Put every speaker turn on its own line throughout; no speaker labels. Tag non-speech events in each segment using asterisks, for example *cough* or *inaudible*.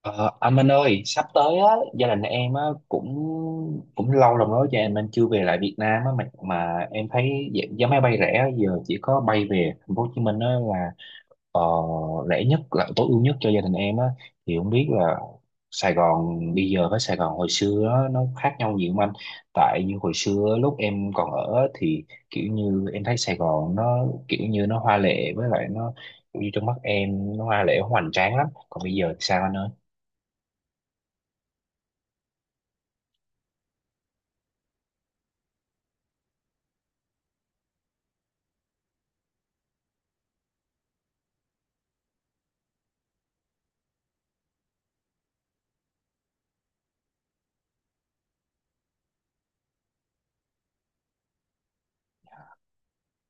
Ờ, anh Minh ơi, sắp tới á, gia đình em á, cũng cũng lâu lắm rồi, cho em anh chưa về lại Việt Nam á, mà em thấy giá giá máy bay rẻ á, giờ chỉ có bay về thành phố Hồ Chí Minh á, là ờ, rẻ nhất là tối ưu nhất cho gia đình em á, thì không biết là Sài Gòn bây giờ với Sài Gòn hồi xưa á, nó khác nhau gì không anh? Tại như hồi xưa lúc em còn ở á, thì kiểu như em thấy Sài Gòn nó kiểu như nó hoa lệ với lại nó như trong mắt em nó hoa lệ hoành tráng lắm, còn bây giờ thì sao anh ơi?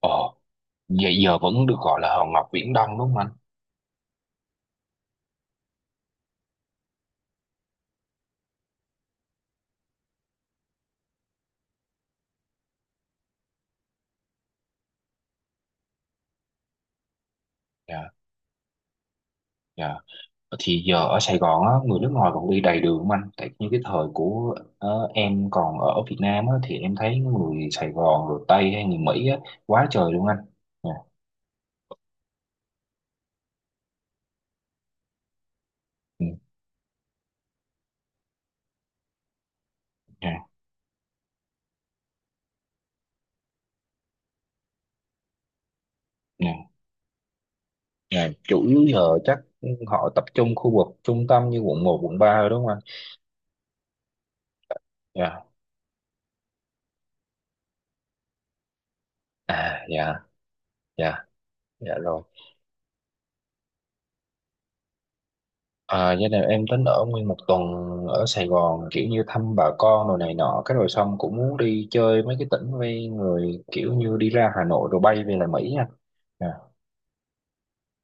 Ồ, vậy giờ vẫn được gọi là Hòn Ngọc Viễn Đông đúng không anh? Dạ, dạ. Thì giờ ở Sài Gòn á, người nước ngoài còn đi đầy đường không anh? Tại như cái thời của em còn ở Việt Nam á, thì em thấy người Sài Gòn rồi Tây hay người Mỹ á, quá trời luôn anh. Dạ, ừ, dạ, dạ, dạ. Chủ yếu giờ chắc họ tập trung khu vực trung tâm như quận một quận 3 rồi đúng không anh? Dạ, à, dạ, dạ, dạ rồi. À, gia đình em tính ở nguyên một tuần ở Sài Gòn kiểu như thăm bà con rồi này nọ cái rồi xong cũng muốn đi chơi mấy cái tỉnh ven người kiểu như đi ra Hà Nội rồi bay về lại Mỹ nha. Dạ,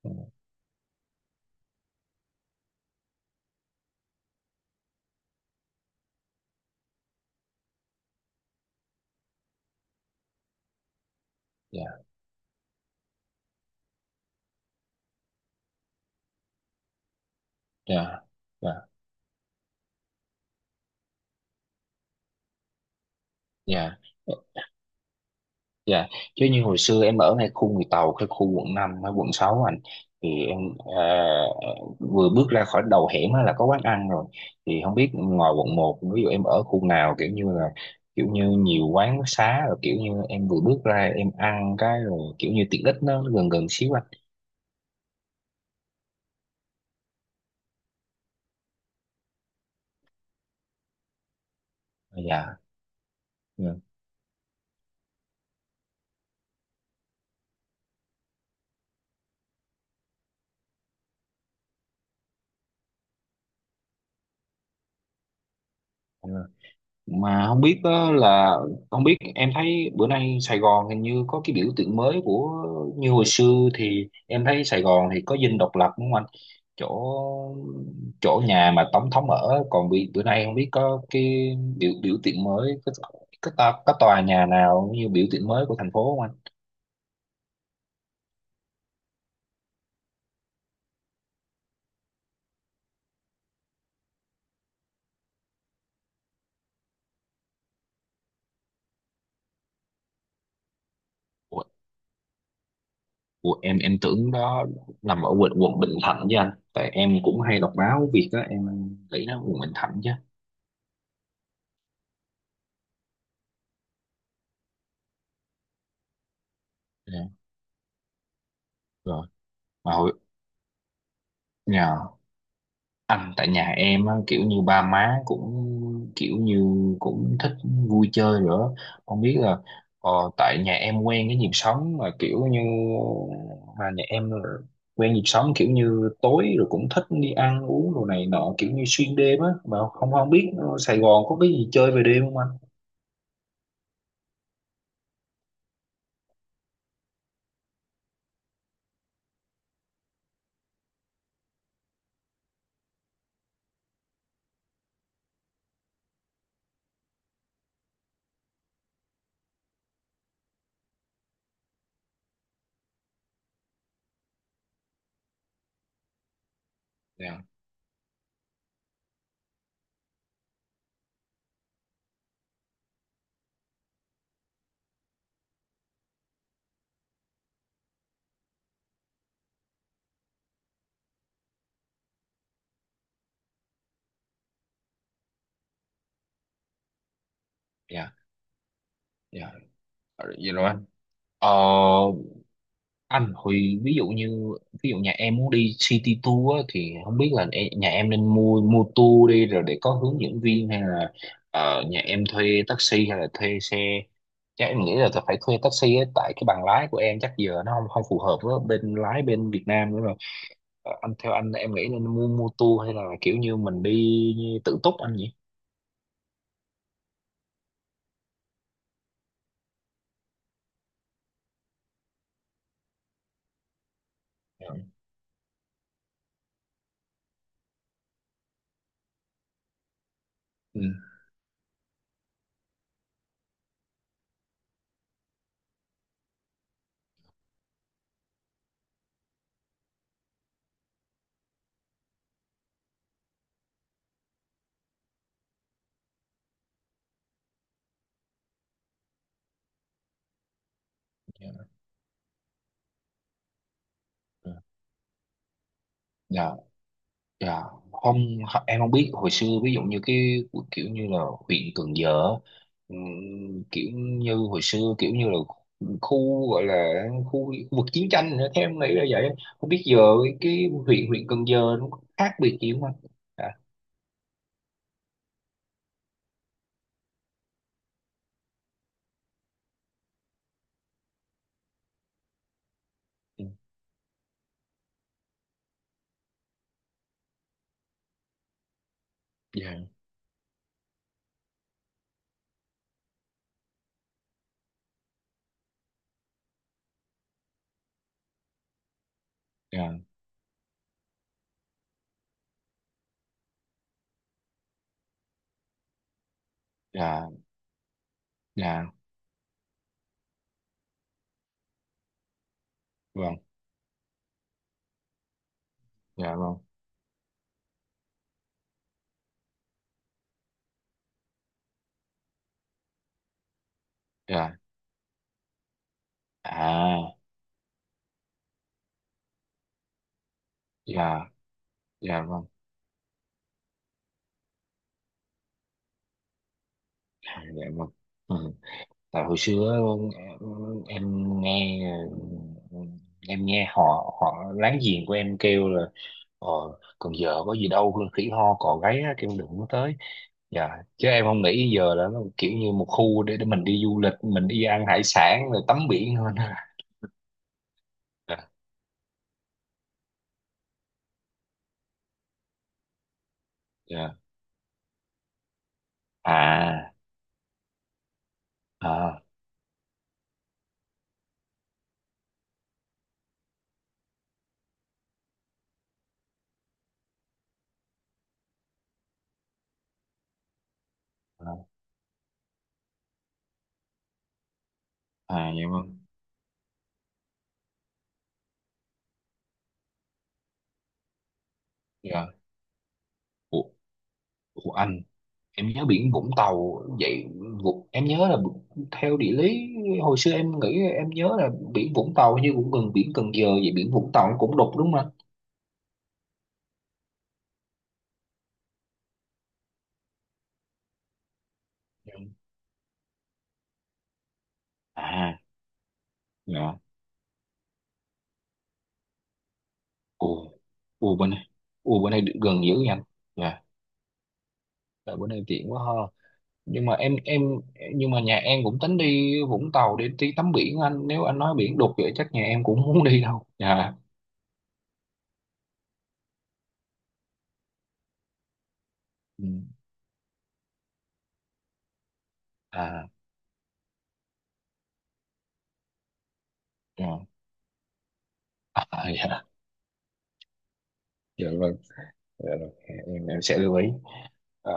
ừ, dạ, dạ, dạ. Dạ. Dạ, chứ như hồi xưa em ở ngay khu người Tàu, cái khu quận 5 hay quận 6 anh, thì em à, vừa bước ra khỏi đầu hẻm á là có quán ăn rồi. Thì không biết ngoài quận một ví dụ em ở khu nào kiểu như là kiểu như nhiều quán xá rồi kiểu như em vừa bước ra em ăn cái rồi kiểu như tiện ích nó gần gần xíu anh. Dạ. Dạ. Mà không biết đó là không biết em thấy bữa nay Sài Gòn hình như có cái biểu tượng mới của như hồi xưa thì em thấy Sài Gòn thì có dinh độc lập đúng không anh, chỗ chỗ nhà mà tổng thống ở còn bị bữa nay không biết có cái biểu biểu tượng mới có tòa nhà nào như biểu tượng mới của thành phố không anh? Ủa, ủa, em tưởng đó nằm ở quận quận Bình Thạnh chứ anh, tại em cũng hay đọc báo việc đó em nghĩ nó quận Bình Thạnh chứ. Dạ, rồi mà hồi, dạ. Anh tại nhà em á, kiểu như ba má cũng kiểu như cũng thích vui chơi nữa, không biết là ờ, tại nhà em quen cái nhịp sống mà kiểu như mà nhà em là quen nhịp sống kiểu như tối rồi cũng thích đi ăn uống đồ này nọ kiểu như xuyên đêm á mà không không biết Sài Gòn có cái gì chơi về đêm không anh? Dạ, dạ, dạ, vậy rồi anh. ờ anh Huy ví dụ như ví dụ nhà em muốn đi city tour á, thì không biết là nhà em nên mua mua tour đi rồi để có hướng dẫn viên hay là nhà em thuê taxi hay là thuê xe, chắc em nghĩ là tôi phải thuê taxi á, tại cái bằng lái của em chắc giờ nó không không phù hợp với bên lái bên Việt Nam nữa rồi. Anh theo anh em nghĩ nên mua mua tour hay là kiểu như mình đi tự túc anh nhỉ? Ừ. Ừ. Dạ. Dạ. Dạ, không em không biết hồi xưa ví dụ như cái kiểu như là huyện Cần Giờ á, kiểu như hồi xưa kiểu như là khu gọi là khu, khu vực chiến tranh nữa theo em nghĩ là vậy, không biết giờ cái huyện huyện Cần Giờ nó có khác biệt gì không anh? Dạ, ừ, dạ, dạ, dạ, dạ, vâng, dạ vâng, dạ, à, dạ, dạ vâng, à, dạ vâng. Ừ. Tại hồi xưa em, em nghe em nghe họ họ láng giềng của em kêu là ờ, còn giờ có gì đâu khỉ ho cò gáy á, kêu đừng có tới, dạ, chứ em không nghĩ giờ là nó kiểu như một khu để mình đi du lịch mình đi ăn hải sản rồi tắm biển hơn. *laughs* Dạ, dạ, à, à, à, à vậy không, dạ. Ủa, ủa anh, em nhớ biển Vũng Tàu vậy, em nhớ là theo địa lý hồi xưa em nghĩ em nhớ là biển Vũng Tàu như cũng gần biển Cần Giờ vậy, biển Vũng Tàu nó cũng đục đúng không anh? Dạ. À, dạ, ồ, ồ bên này, ồ bên này gần dữ nha anh, dạ, tại bữa nay tiện quá ha. Nhưng mà em nhưng mà nhà em cũng tính đi Vũng Tàu để đi tắm biển anh, nếu anh nói biển đục vậy chắc nhà em cũng không muốn đi đâu, dạ. Ừ. À, dạ. *laughs* À, dạ, dạ vâng, dạ, rồi. Em sẽ lưu ý. À.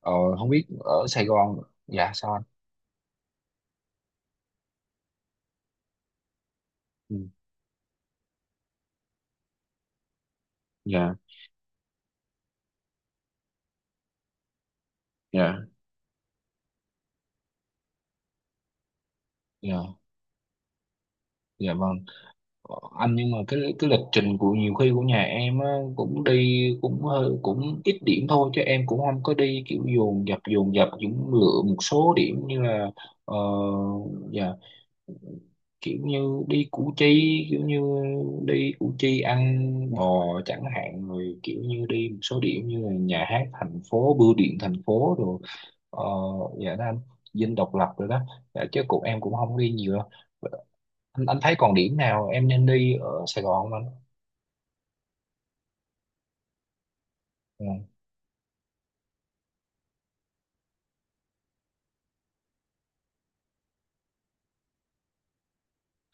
Ờ, không biết ở Sài Gòn, dạ sao anh? Ừ. Dạ, dạ, dạ, dạ vâng. Ờ, anh nhưng mà cái lịch trình của nhiều khi của nhà em á, cũng đi cũng hơi cũng ít điểm thôi chứ em cũng không có đi kiểu dồn dập cũng lựa một số điểm như là ờ, dạ kiểu như đi Củ Chi, kiểu như đi Củ Chi ăn bò chẳng hạn rồi kiểu như đi một số điểm như là nhà hát thành phố bưu điện thành phố rồi. Ờ, dạ đó anh, Dinh độc lập rồi đó. Dạ, chứ cụ em cũng không đi nhiều đâu anh thấy còn điểm nào em nên đi ở Sài Gòn không anh? Ừ,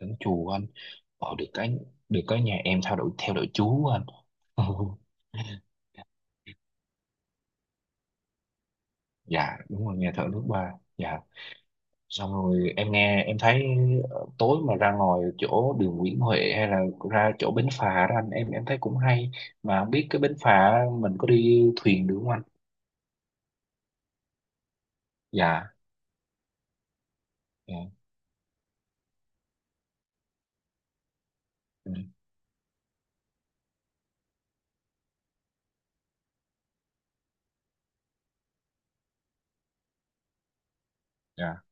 đến chùa anh. Ờ, được cái nhà em theo đuổi chú anh. *laughs* Dạ đúng rồi nghe thở nước ba, dạ. Xong rồi em nghe em thấy tối mà ra ngoài chỗ đường Nguyễn Huệ hay là ra chỗ bến phà đó anh em thấy cũng hay, mà không biết cái bến phà mình có đi thuyền được không anh? Dạ, dạ, ừ, dạ,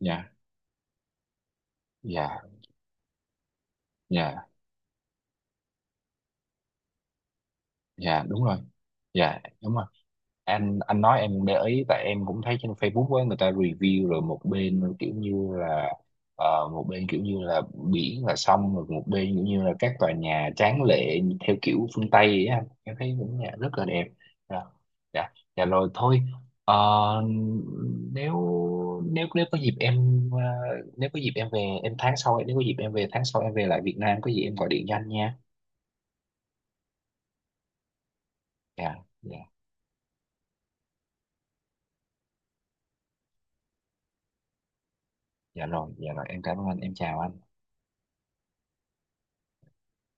dạ, dạ, dạ, dạ đúng rồi, dạ đúng rồi. Anh nói em để ý tại em cũng thấy trên Facebook á người ta review rồi một bên kiểu như là ờ, một bên kiểu như là biển là sông rồi một bên kiểu như là các tòa nhà tráng lệ theo kiểu phương Tây ấy anh em thấy những nhà rất là đẹp. Dạ, dạ, dạ rồi thôi. Ờ, nếu nếu nếu có dịp em nếu có dịp em về em tháng sau nếu có dịp em về tháng sau em về lại Việt Nam có gì em gọi điện cho anh nha. Dạ, dạ. Dạ rồi, em cảm ơn anh, em chào anh.